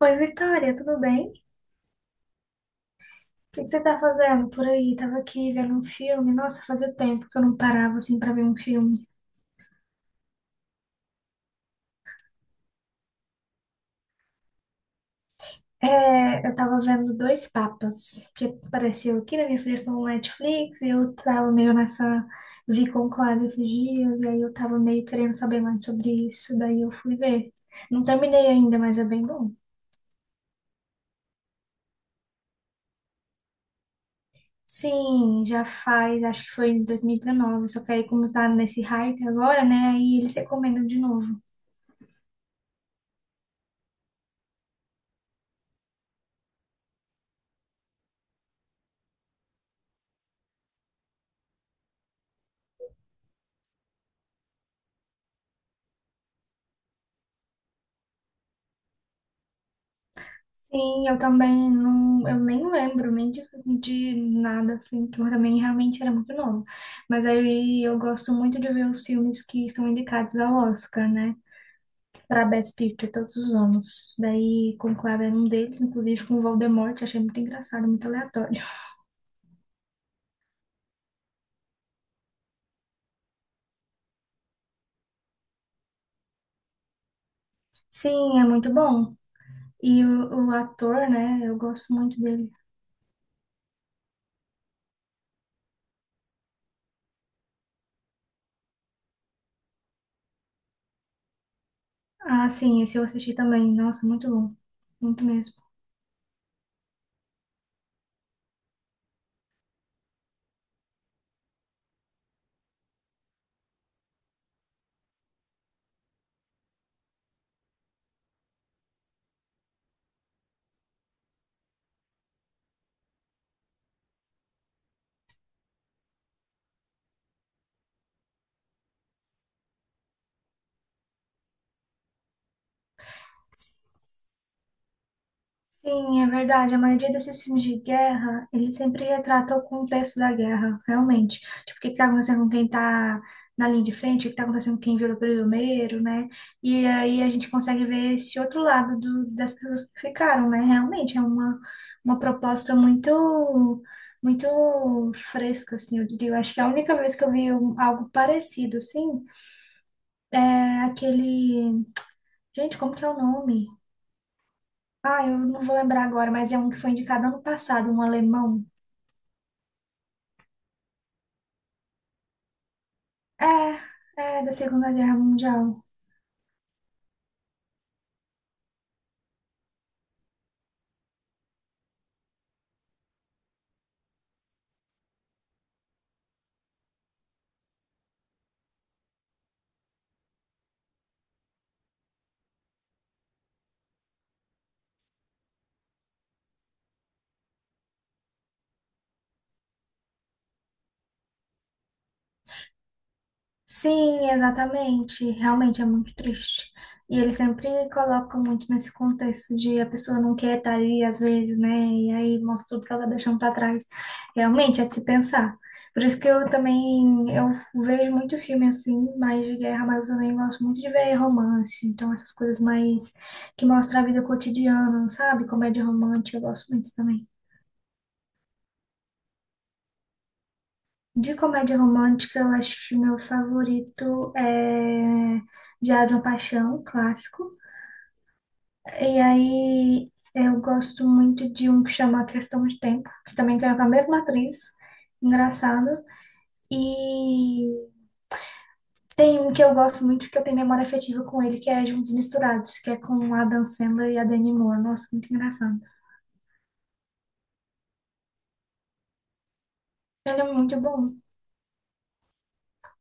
Oi, Vitória, tudo bem? O que que você tá fazendo por aí? Tava aqui vendo um filme. Nossa, fazia tempo que eu não parava assim pra ver um filme. É, eu tava vendo Dois Papas, que apareceu aqui na minha sugestão no Netflix, e eu tava meio nessa vi Conclave esses dias, e aí eu tava meio querendo saber mais sobre isso, daí eu fui ver. Não terminei ainda, mas é bem bom. Sim, já faz, acho que foi em 2019, só que aí como tá nesse hype agora, né, aí eles recomendam de novo. Sim, eu também não, eu nem lembro nem de nada assim, que eu também realmente era muito nova. Mas aí eu gosto muito de ver os filmes que são indicados ao Oscar, né? Para Best Picture todos os anos. Daí Conclave era um deles, inclusive com o Voldemort, achei muito engraçado, muito aleatório. Sim, é muito bom. E o ator, né? Eu gosto muito dele. Ah, sim, esse eu assisti também. Nossa, muito bom. Muito mesmo. Sim, é verdade. A maioria desses filmes de guerra, ele sempre retratam o contexto da guerra, realmente. Tipo, o que está acontecendo com quem está na linha de frente, o que está acontecendo com quem virou prisioneiro, né? E aí a gente consegue ver esse outro lado das pessoas que ficaram, né? Realmente é uma proposta muito, muito fresca, assim, eu diria. Eu acho que a única vez que eu vi algo parecido, assim, é aquele... Gente, como que é o nome? Ah, eu não vou lembrar agora, mas é um que foi indicado ano passado, um alemão. É, é da Segunda Guerra Mundial. Sim, exatamente. Realmente é muito triste. E eles sempre colocam muito nesse contexto de a pessoa não quer estar ali, às vezes, né? E aí mostra tudo que ela tá deixando para trás. Realmente é de se pensar. Por isso que eu também eu vejo muito filme assim, mais de guerra, mas eu também gosto muito de ver romance. Então, essas coisas mais que mostram a vida cotidiana, sabe? Comédia romântica, eu gosto muito também. De comédia romântica, eu acho que meu favorito é Diário de uma Paixão, um clássico. E aí eu gosto muito de um que chama Questão de Tempo, que também é com a mesma atriz, engraçado. E tem um que eu gosto muito, que eu tenho memória afetiva com ele, que é Juntos e Misturados, que é com a Adam Sandler e a Demi Moore. Nossa, muito engraçado. Ele é muito bom.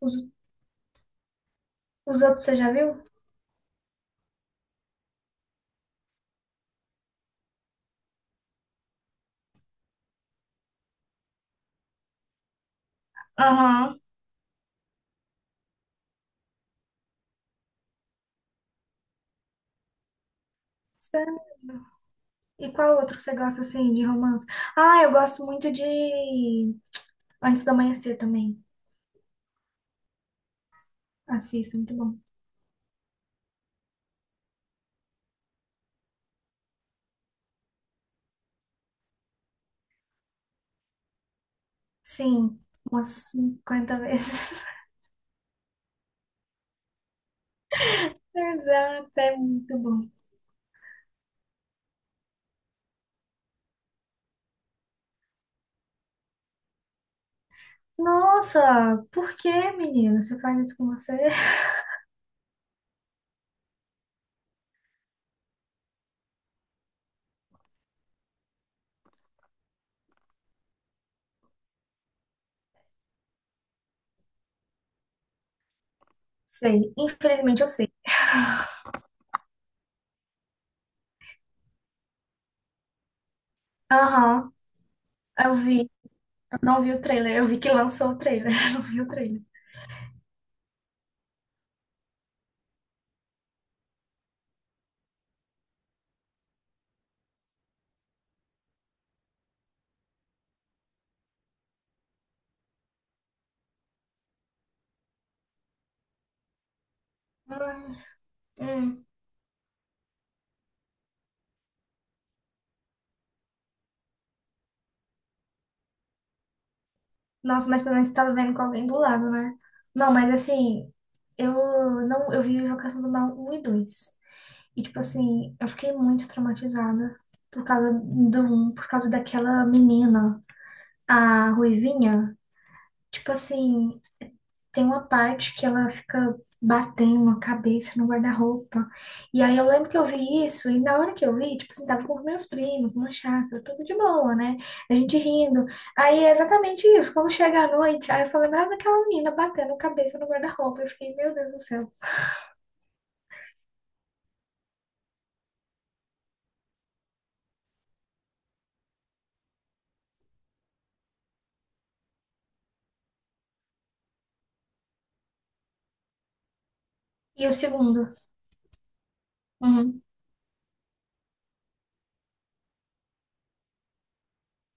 Os, os outros você já viu? Aham. Sério? E qual outro que você gosta, assim, de romance? Ah, eu gosto muito de Antes do Amanhecer também. Assista, muito bom. Sim, umas 50 vezes. Exato, é muito bom. Nossa, por que, menina? Você faz isso com você? Sei, infelizmente eu sei. Aham, eu vi. Eu não vi o trailer, eu vi que lançou o trailer. Eu não vi o trailer. Ai, hum. Nossa, mas pelo menos você tava vendo com alguém do lado, né? Não, mas assim, eu não, eu vi Invocação do Mal um e 2. E, tipo assim, eu fiquei muito traumatizada por causa daquela menina, a Ruivinha. Tipo assim, tem uma parte que ela fica batendo a cabeça no guarda-roupa. E aí eu lembro que eu vi isso, e na hora que eu vi, tipo assim, tava com meus primos, numa chácara, tudo de boa, né? A gente rindo. Aí é exatamente isso, quando chega a noite, aí eu só lembrava daquela menina batendo a cabeça no guarda-roupa. Eu fiquei, meu Deus do céu. E o segundo? Uhum.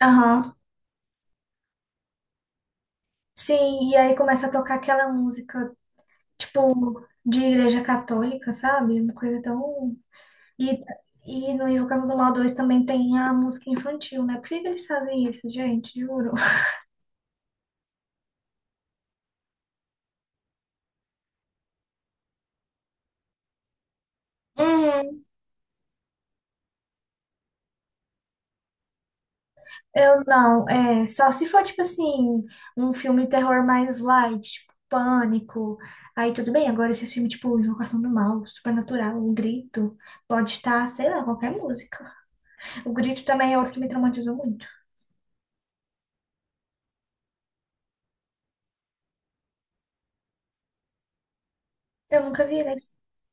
Aham. Sim, e aí começa a tocar aquela música, tipo, de igreja católica, sabe? Uma coisa tão. E, e no Invocação do Mal 2 também tem a música infantil, né? Por que que eles fazem isso, gente? Juro. Uhum. Eu não, é. Só se for, tipo assim, um filme terror mais light, tipo, Pânico. Aí tudo bem, agora esse filme, tipo, Invocação do Mal, Supernatural, O Grito, pode estar, sei lá, qualquer música. O Grito também é outro que me traumatizou muito. Eu nunca vi, nem,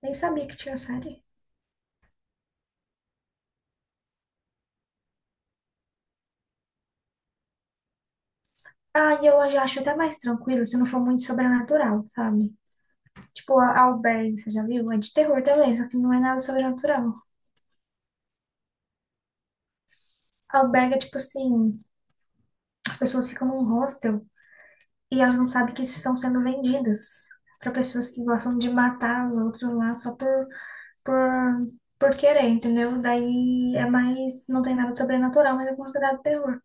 nem sabia que tinha série. Ah, e eu já acho até mais tranquilo se não for muito sobrenatural, sabe? Tipo, a Albergue, você já viu? É de terror também, só que não é nada sobrenatural. Albergue é tipo assim, as pessoas ficam num hostel e elas não sabem que estão sendo vendidas pra pessoas que gostam de matar os outros lá só por, por querer, entendeu? Daí é mais, não tem nada de sobrenatural, mas é considerado terror.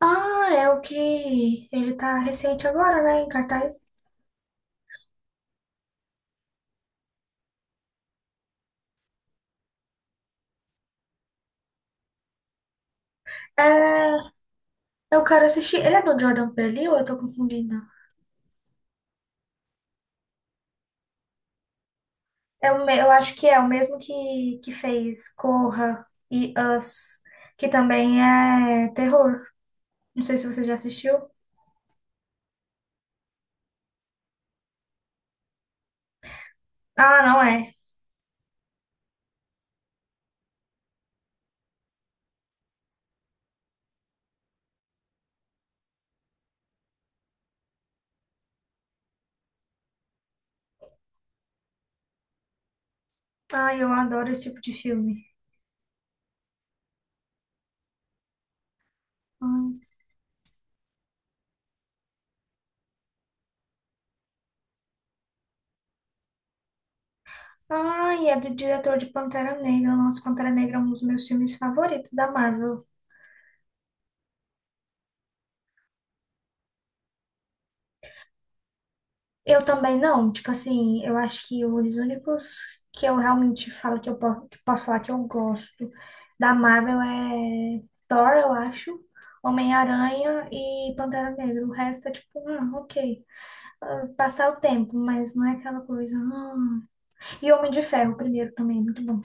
Ah, é o que ele tá recente agora, né, em cartaz. É, eu quero assistir. Ele é do Jordan Peele ou eu tô confundindo? Eu acho que é o mesmo que fez Corra e Us, que também é terror. Não sei se você já assistiu. Ah, não é. Ai, eu adoro esse tipo de filme. Ai, ai, é do diretor de Pantera Negra. Nossa, Pantera Negra é um dos meus filmes favoritos da Marvel. Eu também não, tipo assim, eu acho que os únicos que eu realmente falo que eu que posso falar que eu gosto da Marvel é Thor, eu acho, Homem-Aranha e Pantera Negra. O resto é tipo, ok, ah, passar o tempo, mas não é aquela coisa. Hum. E Homem de Ferro, o primeiro também, muito bom.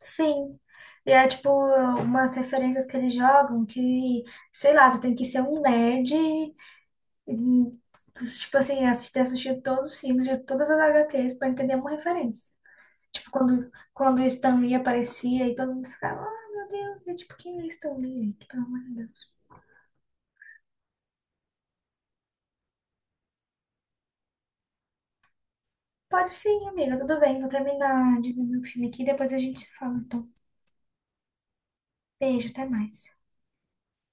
Sim. E é tipo umas referências que eles jogam que, sei lá, você tem que ser um nerd. Hum, Tipo assim, assisti todos os filmes de todas as HQs pra entender uma referência. Tipo, quando o Stan Lee aparecia e todo mundo ficava, ah, meu Deus, é tipo, quem é Stan Lee, gente? Pelo amor de Deus. Pode sim, amiga, tudo bem, vou terminar de ver meu filme aqui, e depois a gente se fala. Então, beijo, até mais.